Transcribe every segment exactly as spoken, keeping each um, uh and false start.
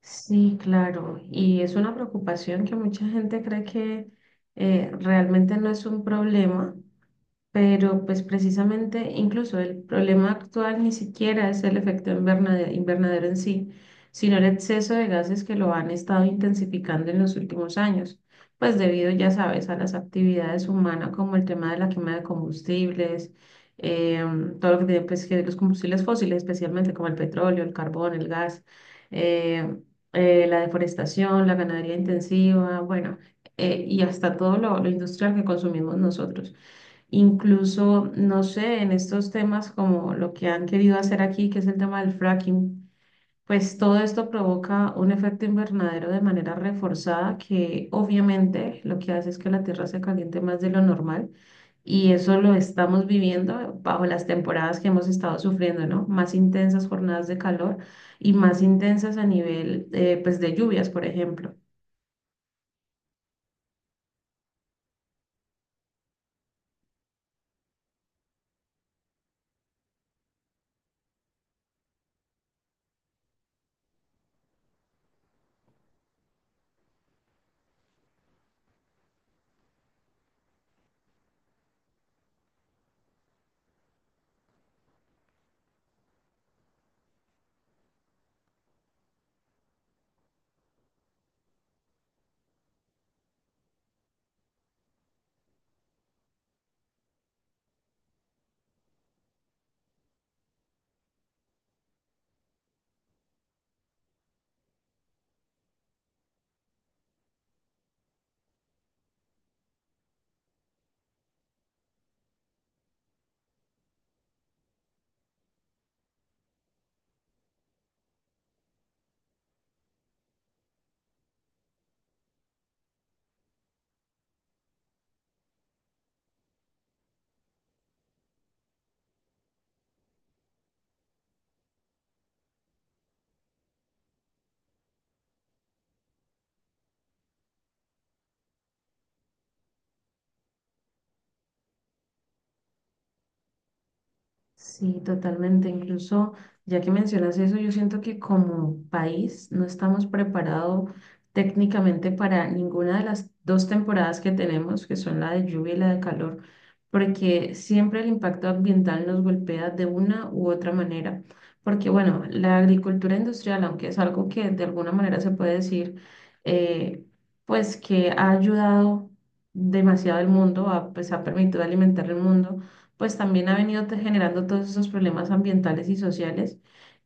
Sí, claro, y es una preocupación que mucha gente cree que eh, realmente no es un problema, pero pues precisamente incluso el problema actual ni siquiera es el efecto invernade- invernadero en sí, sino el exceso de gases que lo han estado intensificando en los últimos años, pues debido, ya sabes, a las actividades humanas como el tema de la quema de combustibles, em, todo lo que tiene pues, que los combustibles fósiles, especialmente como el petróleo, el carbón, el gas, em, eh, la deforestación, la ganadería intensiva, bueno, eh, y hasta todo lo lo industrial que consumimos nosotros. Incluso, no sé, en estos temas como lo que han querido hacer aquí, que es el tema del fracking, pues todo esto provoca un efecto invernadero de manera reforzada que obviamente lo que hace es que la tierra se caliente más de lo normal y eso lo estamos viviendo bajo las temporadas que hemos estado sufriendo, ¿no? Más intensas jornadas de calor y más intensas a nivel, eh, pues, de lluvias, por ejemplo. Sí, totalmente. Incluso, ya que mencionas eso, yo siento que como país no estamos preparados técnicamente para ninguna de las dos temporadas que tenemos, que son la de lluvia y la de calor, porque siempre el impacto ambiental nos golpea de una u otra manera. Porque, bueno, la agricultura industrial, aunque es algo que de alguna manera se puede decir, eh, pues que ha ayudado demasiado al mundo, ha- pues ha permitido alimentar el mundo pues también ha venido te- generando todos esos problemas ambientales y sociales.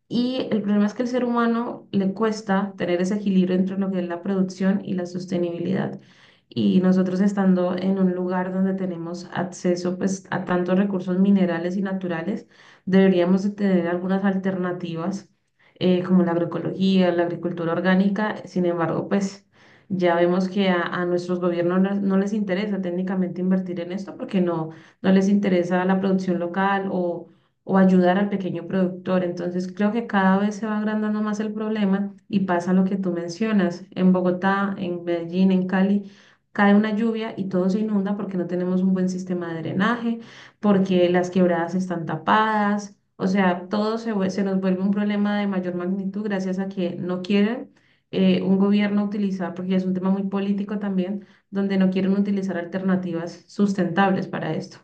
Y el problema es que al ser humano le cuesta tener ese equilibrio entre lo que es la producción y la sostenibilidad. Y nosotros estando en un lugar donde tenemos acceso pues, a tantos recursos minerales y naturales, deberíamos de tener algunas alternativas eh, como la agroecología, la agricultura orgánica. Sin embargo, pues ya vemos que a, a nuestros gobiernos no, no les interesa técnicamente invertir en esto porque no, no les interesa la producción local o o ayudar al pequeño productor. Entonces, creo que cada vez se va agrandando más el problema y pasa lo que tú mencionas. En Bogotá, en Medellín, en Cali, cae una lluvia y todo se inunda porque no tenemos un buen sistema de drenaje, porque las quebradas están tapadas. O sea, todo se, vue- se nos vuelve un problema de mayor magnitud gracias a que no quieren eh, un gobierno utilizar, porque es un tema muy político también, donde no quieren utilizar alternativas sustentables para esto.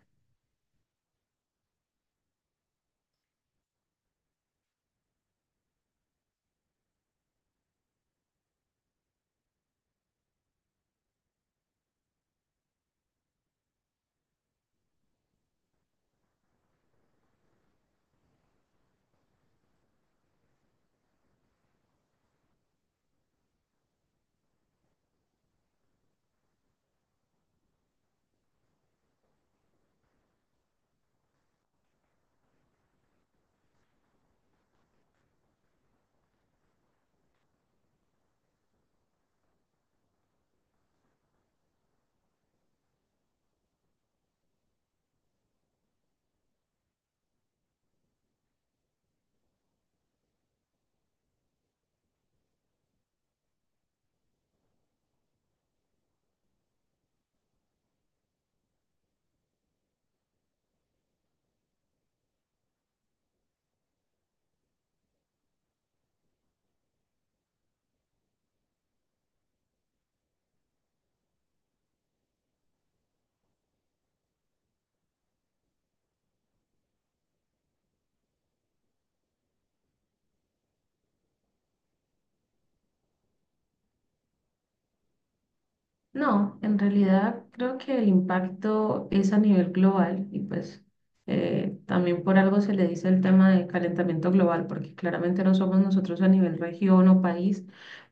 No, en realidad creo que el impacto es a nivel global y pues eh, también por algo se le dice el tema de calentamiento global, porque claramente no somos nosotros a nivel región o país,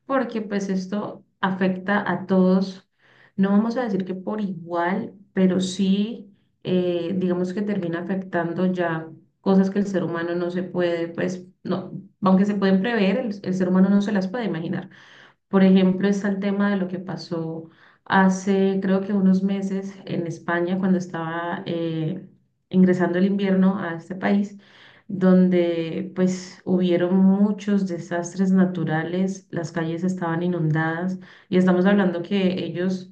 porque pues esto afecta a todos, no vamos a decir que por igual, pero sí eh, digamos que termina afectando ya cosas que el ser humano no se puede, pues no, aunque se pueden prever, el el ser humano no se las puede imaginar. Por ejemplo, está el tema de lo que pasó hace, creo que unos meses en España, cuando estaba eh, ingresando el invierno a este país, donde pues hubieron muchos desastres naturales, las calles estaban inundadas y estamos hablando que ellos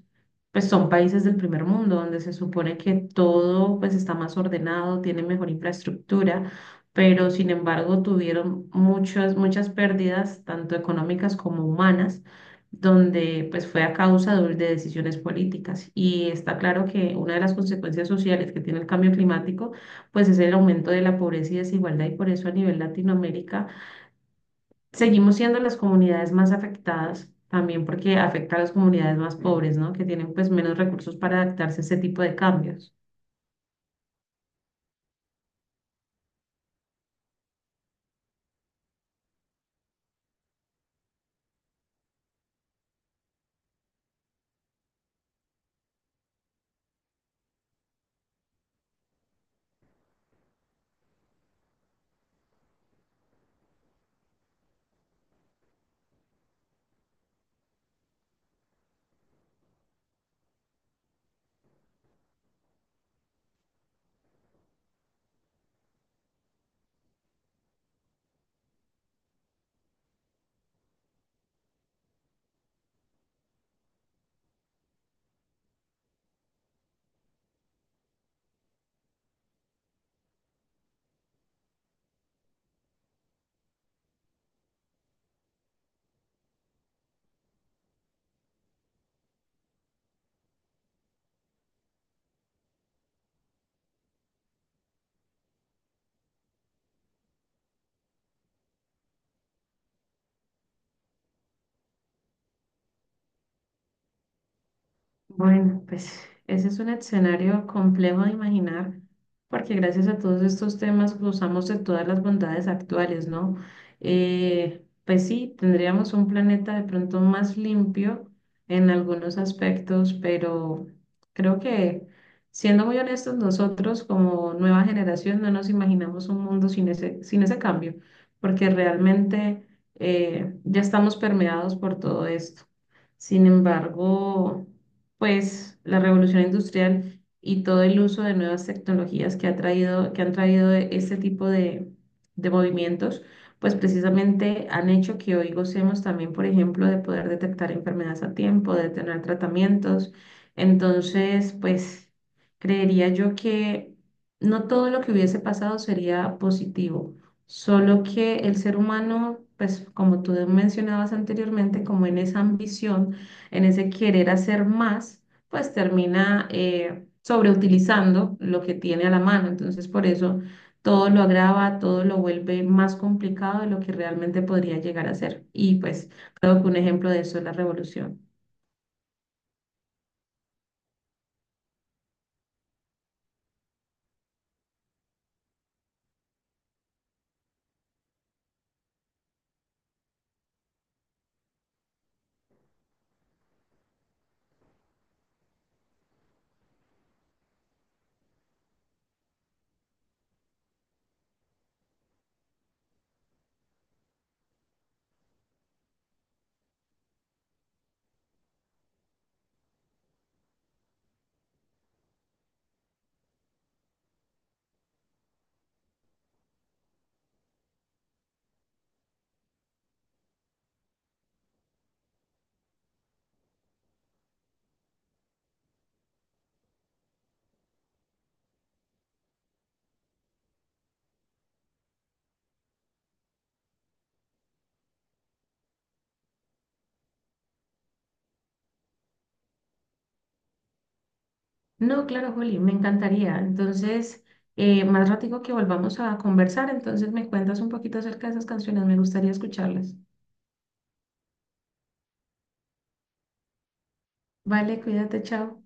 pues son países del primer mundo, donde se supone que todo pues está más ordenado, tiene mejor infraestructura pero sin embargo tuvieron muchas, muchas pérdidas, tanto económicas como humanas donde pues fue a causa de, de decisiones políticas. Y está claro que una de las consecuencias sociales que tiene el cambio climático pues es el aumento de la pobreza y desigualdad y por eso a nivel Latinoamérica seguimos siendo las comunidades más afectadas. También porque afecta a las comunidades más pobres, ¿no? Que tienen pues menos recursos para adaptarse a ese tipo de cambios. Bueno, pues ese es un escenario complejo de imaginar, porque gracias a todos estos temas gozamos de todas las bondades actuales, ¿no? Eh, pues sí, tendríamos un planeta de pronto más limpio en algunos aspectos, pero creo que siendo muy honestos, nosotros como nueva generación no nos imaginamos un mundo sin ese, sin ese cambio, porque realmente eh, ya estamos permeados por todo esto. Sin embargo pues la revolución industrial y todo el uso de nuevas tecnologías que ha traído, que han traído este tipo de, de movimientos, pues precisamente han hecho que hoy gocemos también, por ejemplo, de poder detectar enfermedades a tiempo, de tener tratamientos. Entonces, pues creería yo que no todo lo que hubiese pasado sería positivo, solo que el ser humano, pues como tú mencionabas anteriormente, como en esa ambición, en ese querer hacer más, pues termina eh, sobreutilizando lo que tiene a la mano. Entonces, por eso todo lo agrava, todo lo vuelve más complicado de lo que realmente podría llegar a ser. Y pues creo que un ejemplo de eso es la revolución. No, claro, Juli, me encantaría. Entonces, eh, más ratico que volvamos a conversar, entonces me cuentas un poquito acerca de esas canciones, me gustaría escucharlas. Vale, cuídate, chao.